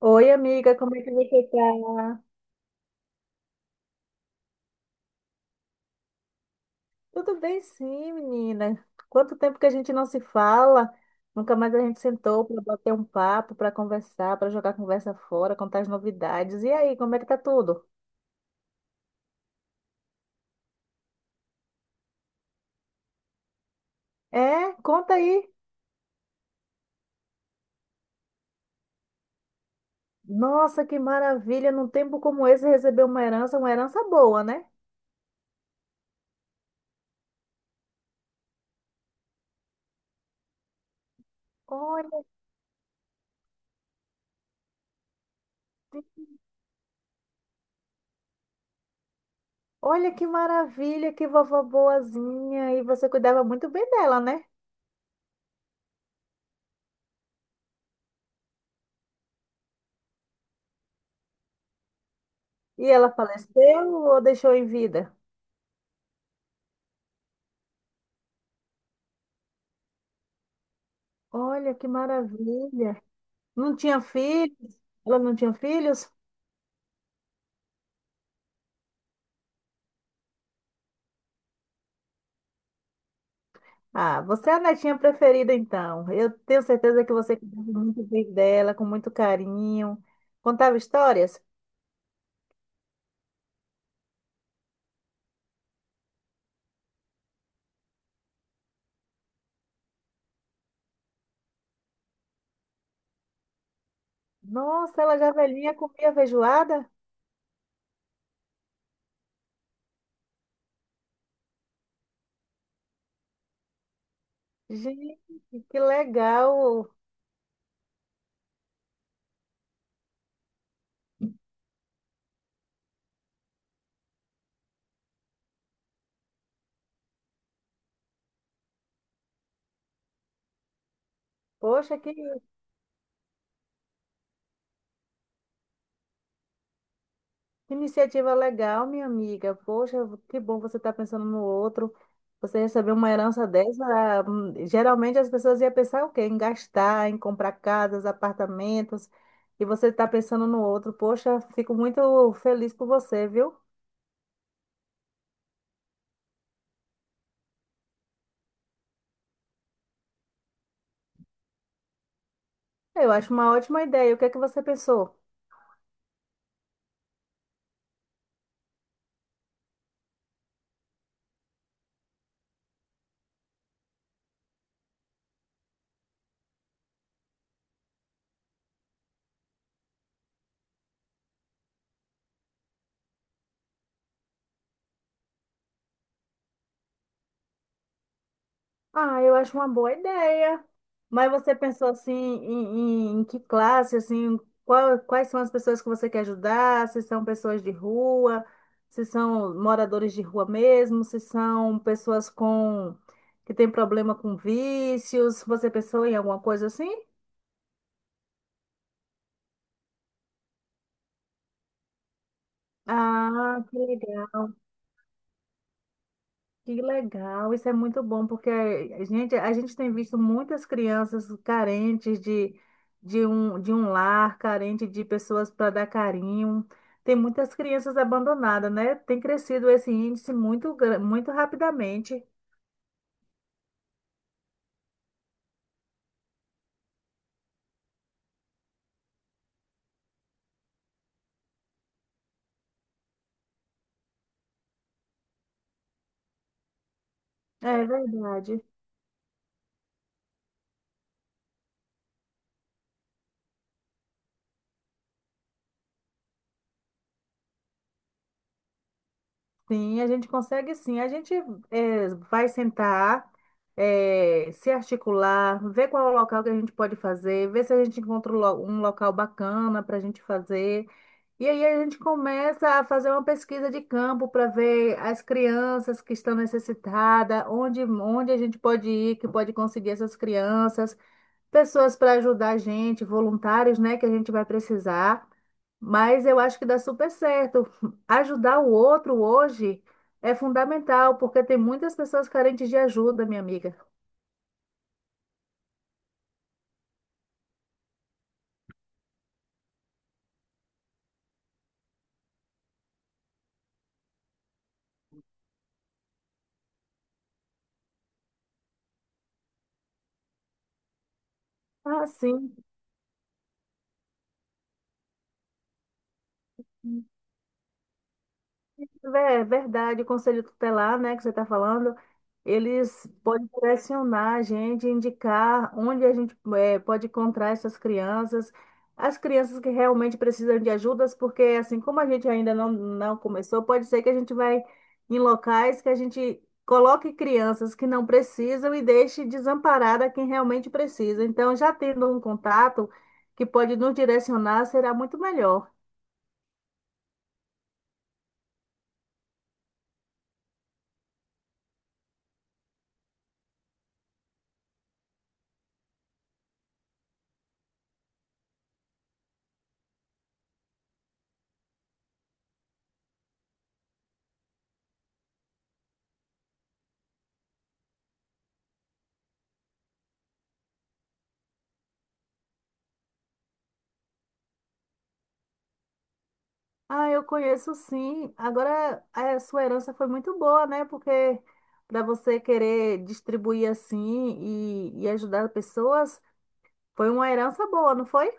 Oi, amiga, como é que você tá? Tudo bem, sim, menina. Quanto tempo que a gente não se fala? Nunca mais a gente sentou para bater um papo, para conversar, para jogar conversa fora, contar as novidades. E aí, como é que tá tudo? É, conta aí. Nossa, que maravilha! Num tempo como esse, receber uma herança boa, né? Olha, que- olha que maravilha, que vovó boazinha! E você cuidava muito bem dela, né? E ela faleceu ou deixou em vida? Olha que maravilha! Não tinha filhos? Ela não tinha filhos? Ah, você é a netinha preferida, então. Eu tenho certeza que você cuidava muito bem dela, com muito carinho. Contava histórias? Nossa, ela já velhinha comia feijoada? Gente, que legal! Poxa, que Iniciativa legal, minha amiga. Poxa, que bom você estar pensando no outro. Você recebeu uma herança dessa, geralmente as pessoas iam pensar o quê? Em gastar, em comprar casas, apartamentos, e você está pensando no outro. Poxa, fico muito feliz por você, viu? Eu acho uma ótima ideia. O que é que você pensou? Ah, eu acho uma boa ideia. Mas você pensou assim em que classe, assim, quais são as pessoas que você quer ajudar? Se são pessoas de rua, se são moradores de rua mesmo, se são pessoas com que têm problema com vícios. Você pensou em alguma coisa assim? Ah, que legal. Que legal, isso é muito bom, porque a gente tem visto muitas crianças carentes de um lar, carente de pessoas para dar carinho. Tem muitas crianças abandonadas, né? Tem crescido esse índice muito, muito rapidamente. É verdade. Sim, a gente consegue sim. A gente vai sentar, se articular, ver qual é o local que a gente pode fazer, ver se a gente encontra um local bacana para a gente fazer. E aí a gente começa a fazer uma pesquisa de campo para ver as crianças que estão necessitadas, onde a gente pode ir, que pode conseguir essas crianças pessoas para ajudar a gente, voluntários, né, que a gente vai precisar. Mas eu acho que dá super certo. Ajudar o outro hoje é fundamental, porque tem muitas pessoas carentes de ajuda, minha amiga. Ah, sim. É verdade, o conselho tutelar, né, que você está falando, eles podem direcionar a gente, indicar onde a gente pode encontrar essas crianças, as crianças que realmente precisam de ajudas, porque assim como a gente ainda não começou, pode ser que a gente vai em locais que a gente coloque crianças que não precisam e deixe desamparada quem realmente precisa. Então, já tendo um contato que pode nos direcionar, será muito melhor. Ah, eu conheço sim. Agora, a sua herança foi muito boa, né? Porque para você querer distribuir assim e ajudar pessoas, foi uma herança boa, não foi?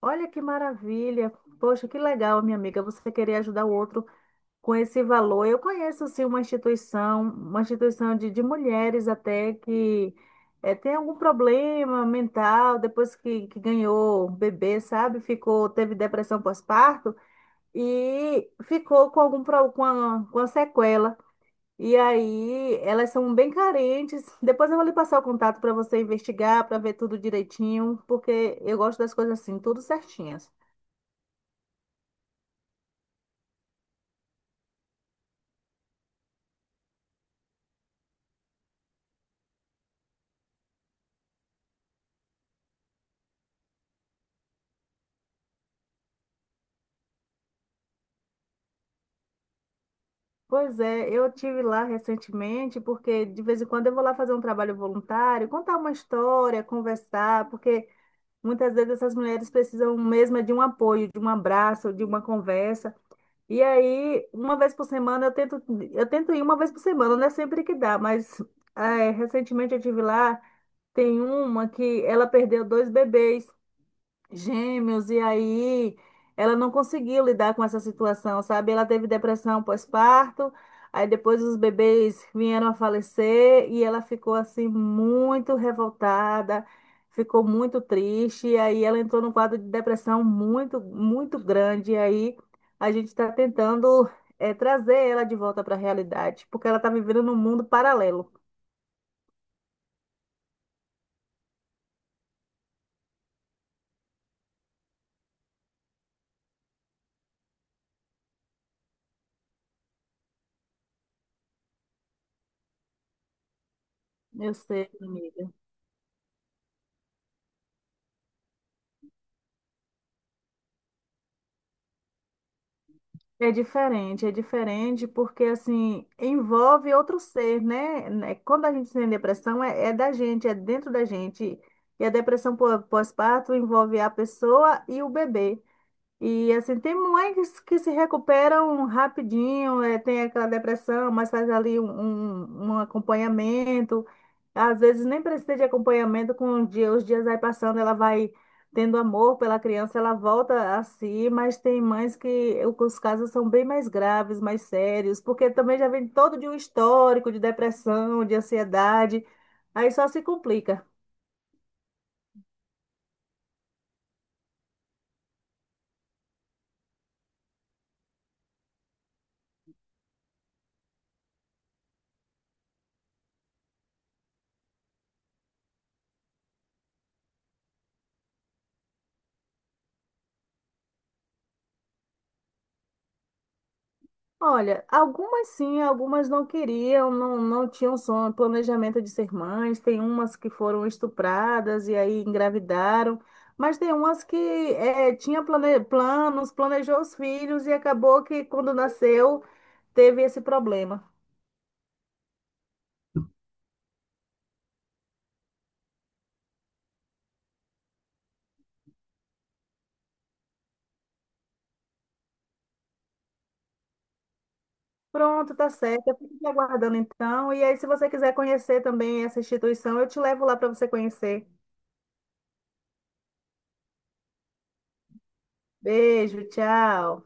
Olha que maravilha. Poxa, que legal, minha amiga, você querer ajudar o outro com esse valor. Eu conheço sim uma instituição de mulheres até que tem algum problema mental, depois que ganhou bebê, sabe? Ficou, teve depressão pós-parto. E ficou com algum com a sequela. E aí elas são bem carentes. Depois eu vou lhe passar o contato para você investigar, para ver tudo direitinho, porque eu gosto das coisas assim, tudo certinhas. Pois é, eu tive lá recentemente, porque de vez em quando eu vou lá fazer um trabalho voluntário, contar uma história, conversar, porque muitas vezes essas mulheres precisam mesmo é de um apoio, de um abraço, de uma conversa. E aí, uma vez por semana, eu tento ir uma vez por semana, não é sempre que dá, mas é, recentemente eu tive lá, tem uma que ela perdeu dois bebês. Gêmeos, e aí ela não conseguiu lidar com essa situação, sabe? Ela teve depressão pós-parto, aí depois os bebês vieram a falecer e ela ficou assim muito revoltada, ficou muito triste, e aí ela entrou num quadro de depressão muito, muito grande, e aí a gente está tentando trazer ela de volta para a realidade, porque ela está vivendo num mundo paralelo. Eu sei, amiga. É diferente porque assim envolve outro ser, né? Né, quando a gente tem depressão é da gente, é dentro da gente. E a depressão pós-parto envolve a pessoa e o bebê. E assim, tem mães que se recuperam rapidinho, tem aquela depressão, mas faz ali um acompanhamento. Às vezes nem precisa de acompanhamento, com o dia, os dias vai passando, ela vai tendo amor pela criança, ela volta a si, mas tem mães que os casos são bem mais graves, mais sérios, porque também já vem todo de um histórico de depressão, de ansiedade, aí só se complica. Olha, algumas sim, algumas não queriam, não, não tinham sonho, planejamento de ser mães. Tem umas que foram estupradas e aí engravidaram, mas tem umas que tinha planos, planejou os filhos e acabou que quando nasceu teve esse problema. Pronto, tá certo. Eu fico te aguardando então. E aí, se você quiser conhecer também essa instituição, eu te levo lá para você conhecer. Beijo, tchau.